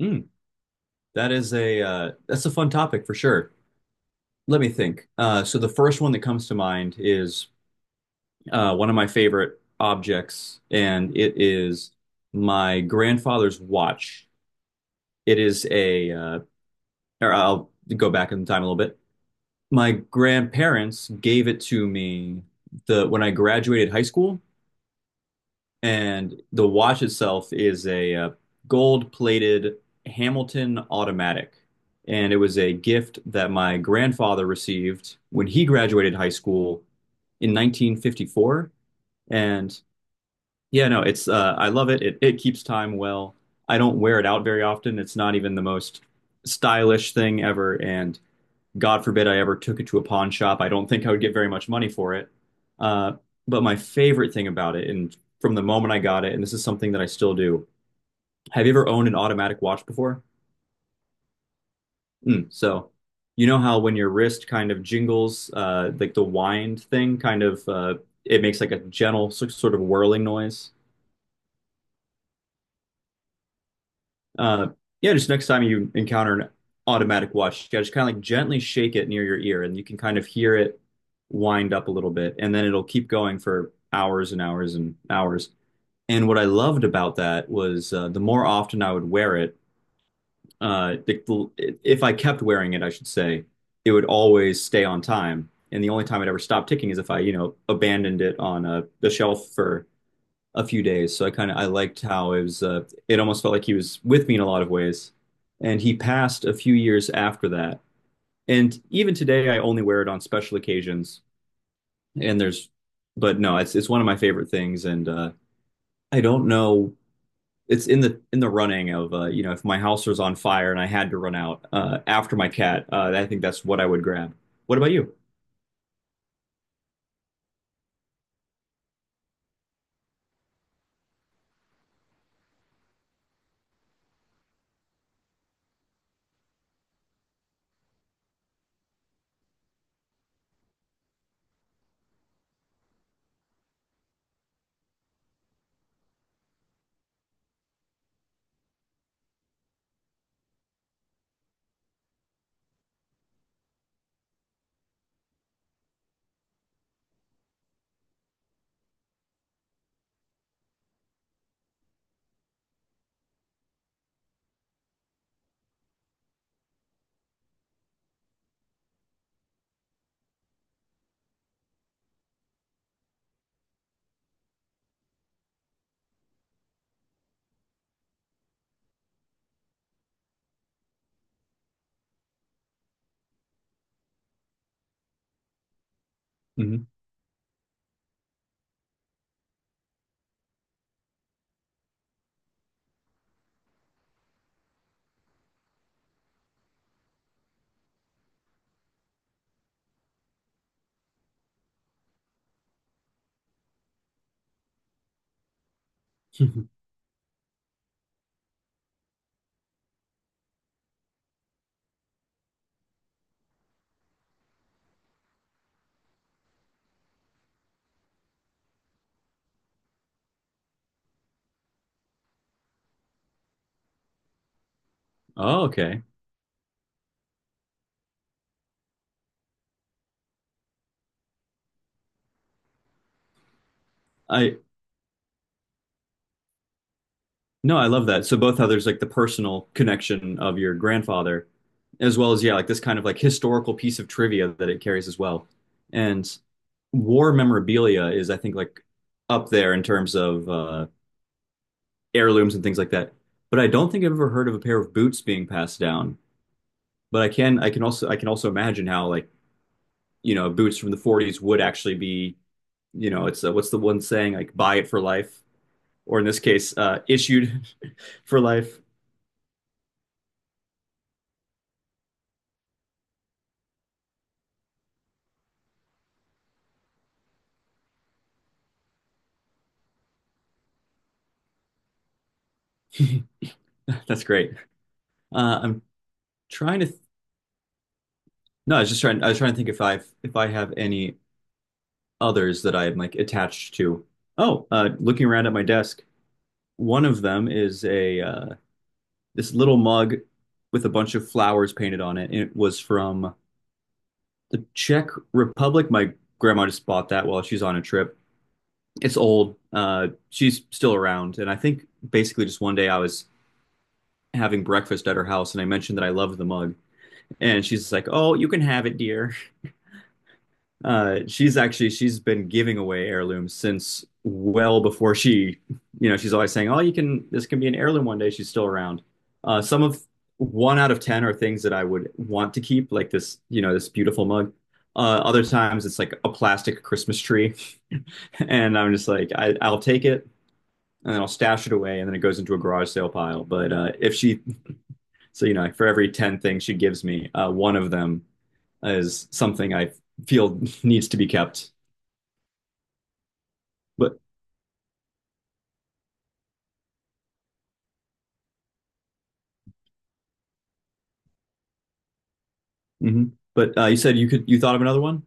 Mm, that is a that's a fun topic for sure. Let me think. So the first one that comes to mind is one of my favorite objects, and it is my grandfather's watch. It is a, or I'll go back in time a little bit. My grandparents gave it to me the when I graduated high school. And the watch itself is a gold-plated Hamilton automatic. And it was a gift that my grandfather received when he graduated high school in 1954. And yeah, no, it's I love it. It keeps time well. I don't wear it out very often. It's not even the most stylish thing ever, and God forbid I ever took it to a pawn shop. I don't think I would get very much money for it. Uh, but my favorite thing about it, and from the moment I got it, and this is something that I still do, have you ever owned an automatic watch before? So you know how when your wrist kind of jingles, like the wind thing kind of, it makes like a gentle sort of whirling noise? Uh, yeah, just next time you encounter an automatic watch, yeah, just kind of like gently shake it near your ear, and you can kind of hear it wind up a little bit, and then it'll keep going for hours and hours and hours. And what I loved about that was the more often I would wear it, uh, if I kept wearing it, I should say, it would always stay on time. And the only time it ever stopped ticking is if I, you know, abandoned it on the shelf for a few days. So I kind of I liked how it was. It almost felt like he was with me in a lot of ways. And he passed a few years after that. And even today, I only wear it on special occasions. And there's, but no, it's one of my favorite things. And I don't know. It's in the running of you know, if my house was on fire and I had to run out after my cat, I think that's what I would grab. What about you? Hmm Oh, okay. I No, I love that. So both how there's like the personal connection of your grandfather, as well as yeah, like this kind of like historical piece of trivia that it carries as well. And war memorabilia is, I think, like up there in terms of heirlooms and things like that. But I don't think I've ever heard of a pair of boots being passed down. But I can, I can also imagine how like you know boots from the 40s would actually be, you know, it's what's the one saying like buy it for life, or in this case, issued for life. That's great. I'm trying to th no, I was just trying to think if I have any others that I'm like attached to. Oh, looking around at my desk, one of them is a this little mug with a bunch of flowers painted on it. It was from the Czech Republic. My grandma just bought that while she's on a trip. It's old. She's still around, and I think basically just one day I was having breakfast at her house, and I mentioned that I loved the mug, and she's just like, "Oh, you can have it, dear." She's actually she's been giving away heirlooms since you know, she's always saying, "Oh, you can this can be an heirloom one day." She's still around. Some of One out of ten are things that I would want to keep, like this, you know, this beautiful mug. Other times it's like a plastic Christmas tree, and I'm just like, I'll take it and then I'll stash it away, and then it goes into a garage sale pile. But if she, so you know, for every ten things she gives me, one of them is something I feel needs to be kept. But hmm But you said you thought of another one?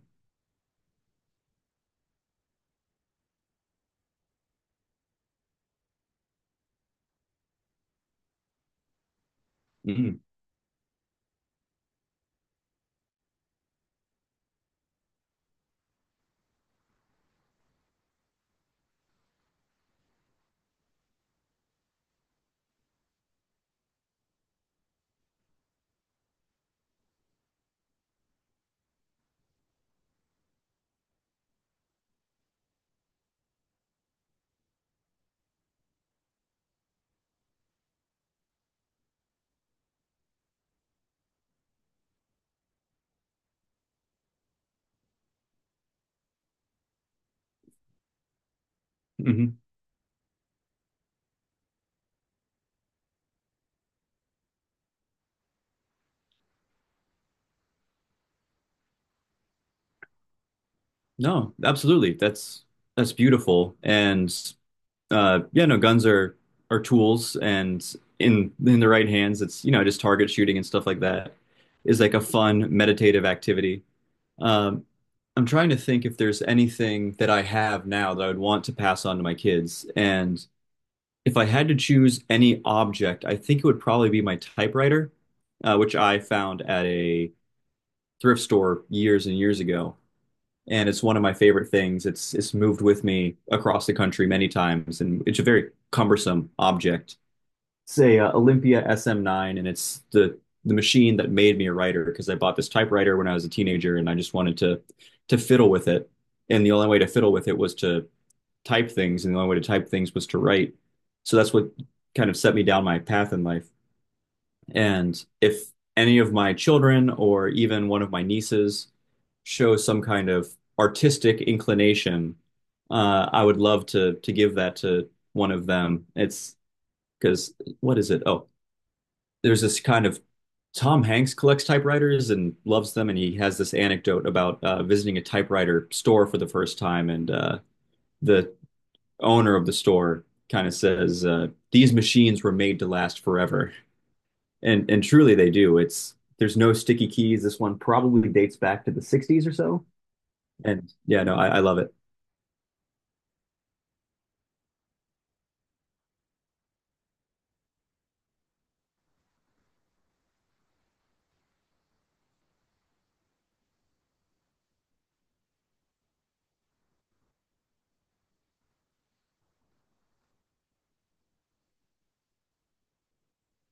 Hmm hmm No, absolutely. That's beautiful. And yeah, no, guns are tools, and in the right hands, it's you know just target shooting and stuff like that is like a fun meditative activity. Um, I'm trying to think if there's anything that I have now that I would want to pass on to my kids. And if I had to choose any object, I think it would probably be my typewriter, which I found at a thrift store years and years ago, and it's one of my favorite things. It's moved with me across the country many times, and it's a very cumbersome object. It's a Olympia SM9, and it's the machine that made me a writer because I bought this typewriter when I was a teenager, and I just wanted to fiddle with it. And the only way to fiddle with it was to type things, and the only way to type things was to write. So that's what kind of set me down my path in life. And if any of my children or even one of my nieces show some kind of artistic inclination, I would love to give that to one of them. It's because what is it? Oh, there's this kind of Tom Hanks collects typewriters and loves them, and he has this anecdote about visiting a typewriter store for the first time, and the owner of the store kind of says, "These machines were made to last forever." And truly they do. It's There's no sticky keys. This one probably dates back to the 60s or so. And yeah, no, I love it.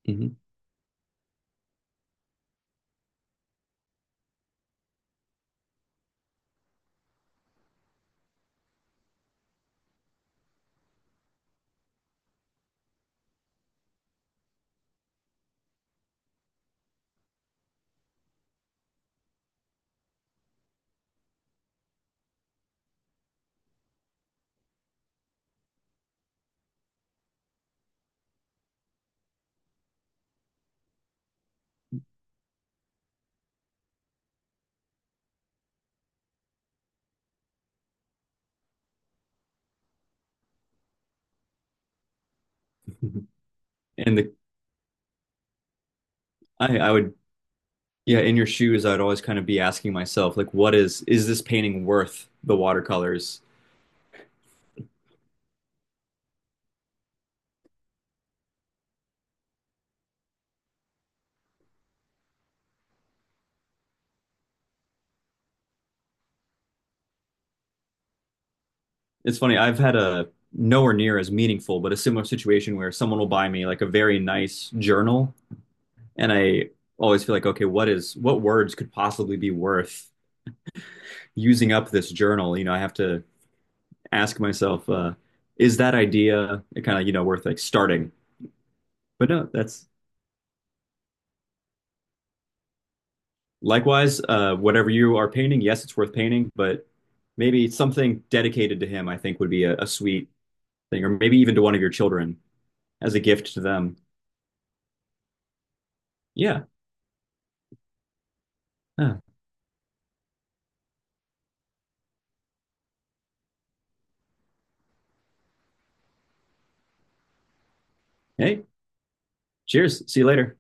Hmm And the I would yeah, in your shoes, I'd always kind of be asking myself, like, what is this painting worth the watercolors? It's funny, I've had a nowhere near as meaningful, but a similar situation where someone will buy me like a very nice journal, and I always feel like, okay, what words could possibly be worth using up this journal? You know, I have to ask myself, is that idea kind of, you know, worth like starting? But no, that's likewise, whatever you are painting, yes, it's worth painting, but maybe something dedicated to him, I think would be a sweet thing, or maybe even to one of your children as a gift to them. Yeah. Huh. Hey. Cheers. See you later.